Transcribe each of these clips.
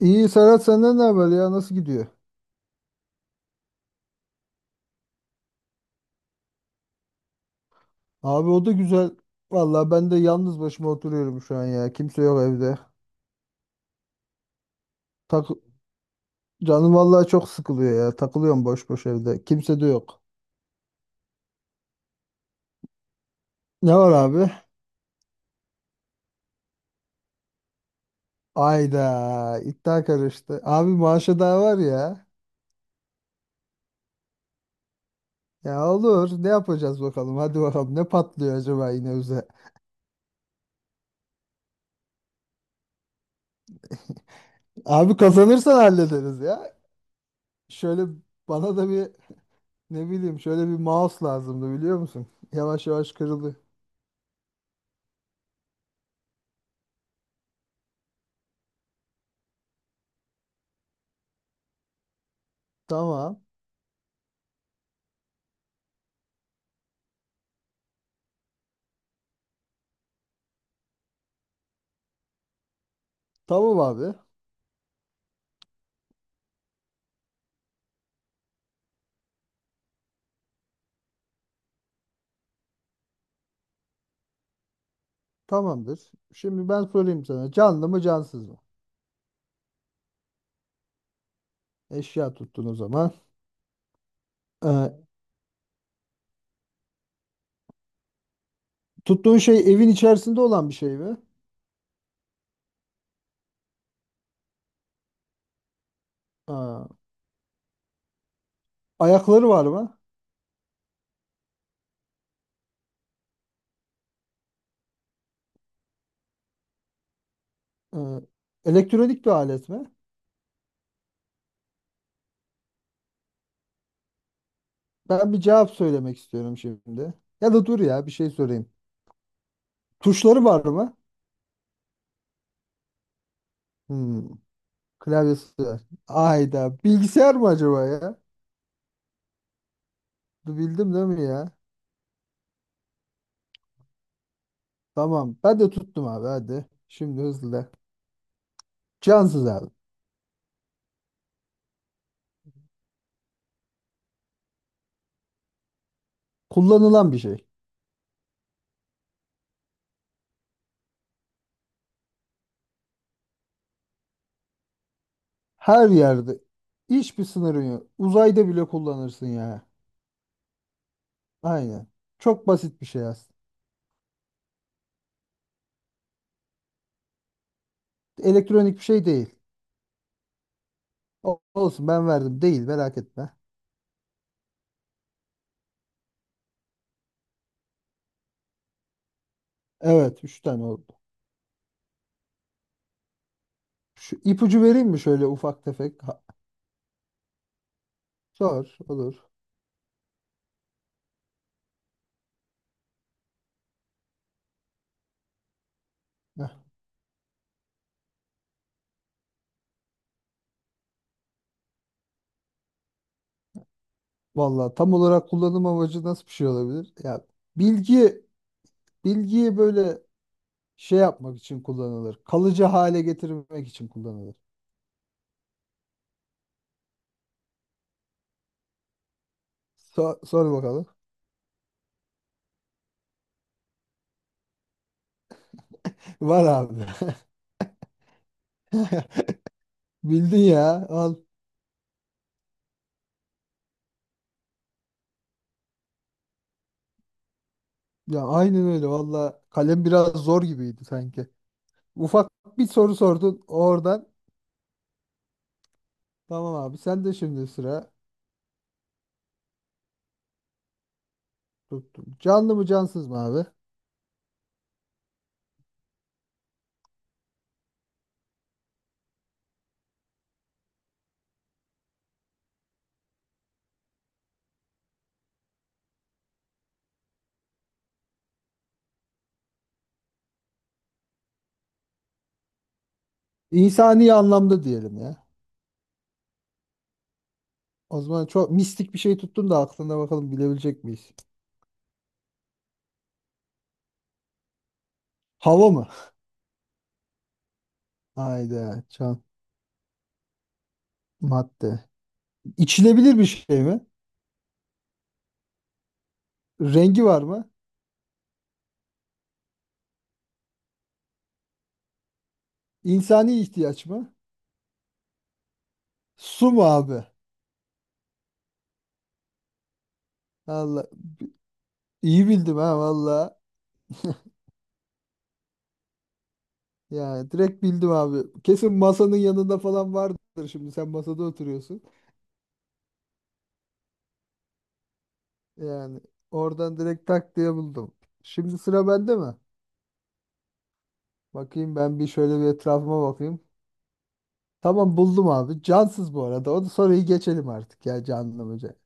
İyi Serhat, senden ne haber ya? Nasıl gidiyor? Abi, o da güzel. Vallahi ben de yalnız başıma oturuyorum şu an ya. Kimse yok evde. Tak Canım vallahi çok sıkılıyor ya. Takılıyorum boş boş evde. Kimse de yok. Ne var abi? Ayda iddia karıştı. Abi maaşı daha var ya. Ya olur. Ne yapacağız bakalım? Hadi bakalım. Ne patlıyor acaba yine bize? Abi kazanırsan hallederiz ya. Şöyle bana da bir, ne bileyim, şöyle bir mouse lazımdı, biliyor musun? Yavaş yavaş kırıldı. Tamam. Tamam abi. Tamamdır. Şimdi ben sorayım sana. Canlı mı cansız mı? Eşya tuttun o zaman. Ee, tuttuğun şey evin içerisinde olan bir şey mi? Aa, ayakları var mı? Ee, elektronik bir alet mi? Ben bir cevap söylemek istiyorum şimdi. Ya da dur ya, bir şey sorayım. Tuşları var mı? Hmm, klavyesi var. Ayda. Bilgisayar mı acaba ya? Bildim değil mi ya? Tamam. Ben de tuttum abi, hadi. Şimdi hızlı. Cansız abi. Kullanılan bir şey. Her yerde. Hiçbir sınırın yok. Uzayda bile kullanırsın ya. Aynen. Çok basit bir şey aslında. Elektronik bir şey değil. Olsun ben verdim. Değil, merak etme. Evet, 3 tane oldu. Şu ipucu vereyim mi şöyle ufak tefek? Ha, sor olur. Heh. Vallahi tam olarak kullanım amacı nasıl bir şey olabilir? Ya bilgi bilgiyi böyle şey yapmak için kullanılır. Kalıcı hale getirmek için kullanılır. Sor bakalım. Var abi. Bildin ya. Al. Ya aynen öyle valla, kalem biraz zor gibiydi sanki. Ufak bir soru sordun oradan. Tamam abi, sen de şimdi sıra tuttum. Canlı mı cansız mı abi? İnsani anlamda diyelim ya. O zaman çok mistik bir şey tuttun da aklına, bakalım bilebilecek miyiz? Hava mı? Hayda, can madde. İçilebilir bir şey mi? Rengi var mı? İnsani ihtiyaç mı? Su mu abi? Allah, iyi bildim ha valla. Ya direkt bildim abi. Kesin masanın yanında falan vardır şimdi. Sen masada oturuyorsun. Yani oradan direkt tak diye buldum. Şimdi sıra bende mi? Bakayım ben, bir şöyle bir etrafıma bakayım. Tamam, buldum abi. Cansız bu arada. O da soruyu geçelim artık ya, canlı mı?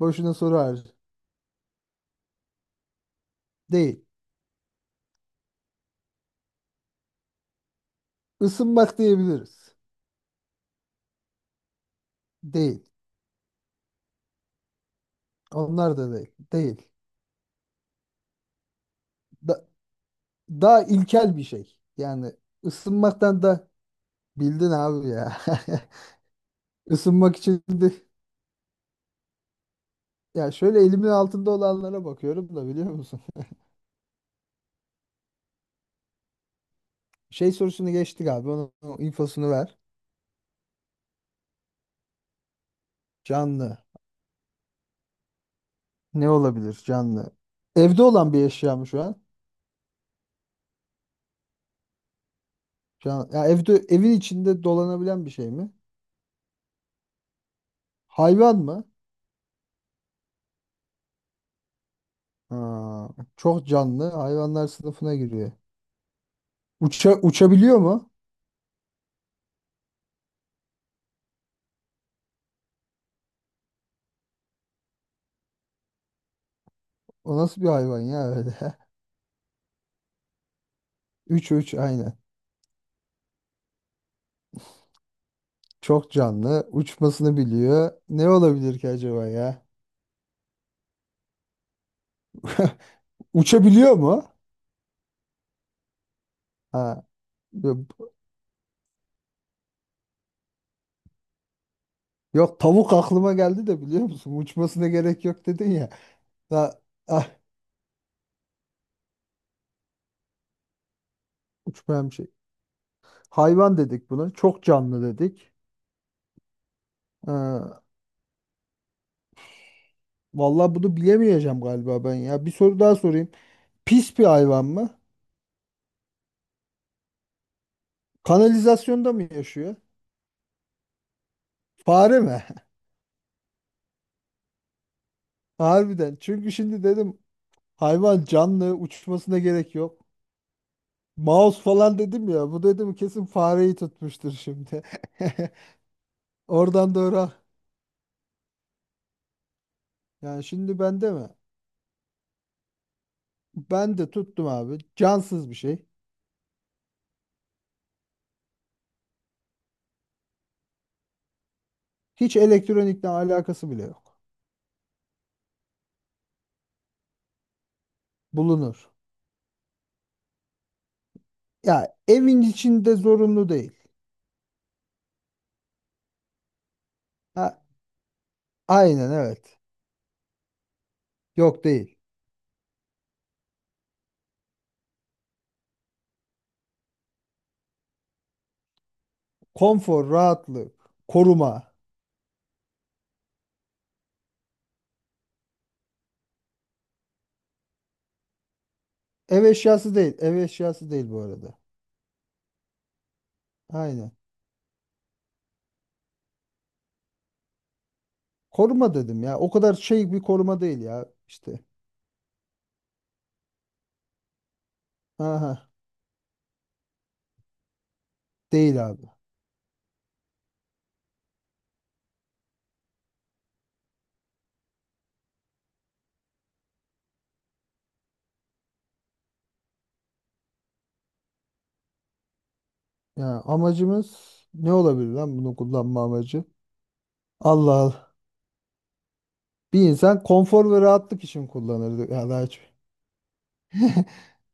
Boşuna soru harcı. Değil. Isınmak diyebiliriz. Değil. Onlar da değil. Değil. Da- daha ilkel bir şey. Yani ısınmaktan da bildin abi ya. Isınmak için de. Ya şöyle elimin altında olanlara bakıyorum da, biliyor musun? Şey sorusunu geçtik abi. Onun infosunu ver. Canlı. Ne olabilir canlı? Evde olan bir eşya mı şu an? Ya evde, evin içinde dolanabilen bir şey mi? Hayvan mı? Ha, çok canlı. Hayvanlar sınıfına giriyor. Uçabiliyor mu? O nasıl bir hayvan ya öyle? 3 3 aynen. Çok canlı. Uçmasını biliyor. Ne olabilir ki acaba ya? Uçabiliyor mu? Ha. Yok, tavuk aklıma geldi de biliyor musun? Uçmasına gerek yok dedin ya. Da, ah, uçmayan bir şey. Hayvan dedik buna. Çok canlı dedik. Ee, vallahi bunu bilemeyeceğim galiba ben ya. Bir soru daha sorayım. Pis bir hayvan mı? Kanalizasyonda mı yaşıyor? Fare mi? Harbiden. Çünkü şimdi dedim, hayvan canlı uçmasına gerek yok. Mouse falan dedim ya. Bu dedim kesin fareyi tutmuştur şimdi. Oradan doğru. Yani şimdi bende mi? Ben de tuttum abi. Cansız bir şey. Hiç elektronikle alakası bile yok. Bulunur. Ya evin içinde zorunlu değil. Ha, aynen evet. Yok, değil. Konfor, rahatlık, koruma. Ev eşyası değil. Ev eşyası değil bu arada. Aynen. Koruma dedim ya. O kadar şey, bir koruma değil ya işte. Aha, değil abi. Ya amacımız ne olabilir lan bunu kullanma amacı? Allah Allah. Bir insan konfor ve rahatlık için kullanırdı. Ya daha hiç-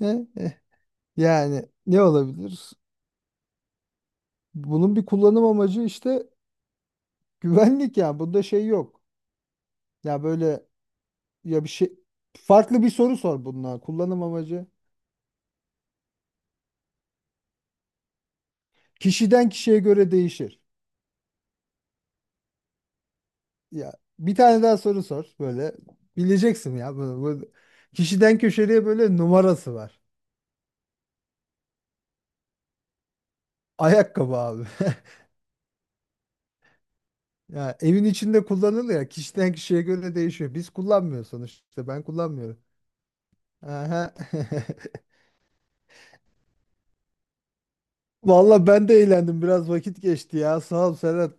Yani ne olabilir? Bunun bir kullanım amacı işte güvenlik ya. Bunda şey yok. Ya böyle, ya bir şey, farklı bir soru sor bununla. Kullanım amacı kişiden kişiye göre değişir. Ya bir tane daha soru sor, böyle bileceksin ya bunu. Bu, kişiden köşeye böyle numarası var. Ayakkabı abi. Ya evin içinde kullanılıyor, ya kişiden kişiye göre değişiyor. Biz kullanmıyoruz sonuçta. Ben kullanmıyorum. Aha. Valla ben de eğlendim. Biraz vakit geçti ya. Sağ ol Serhat.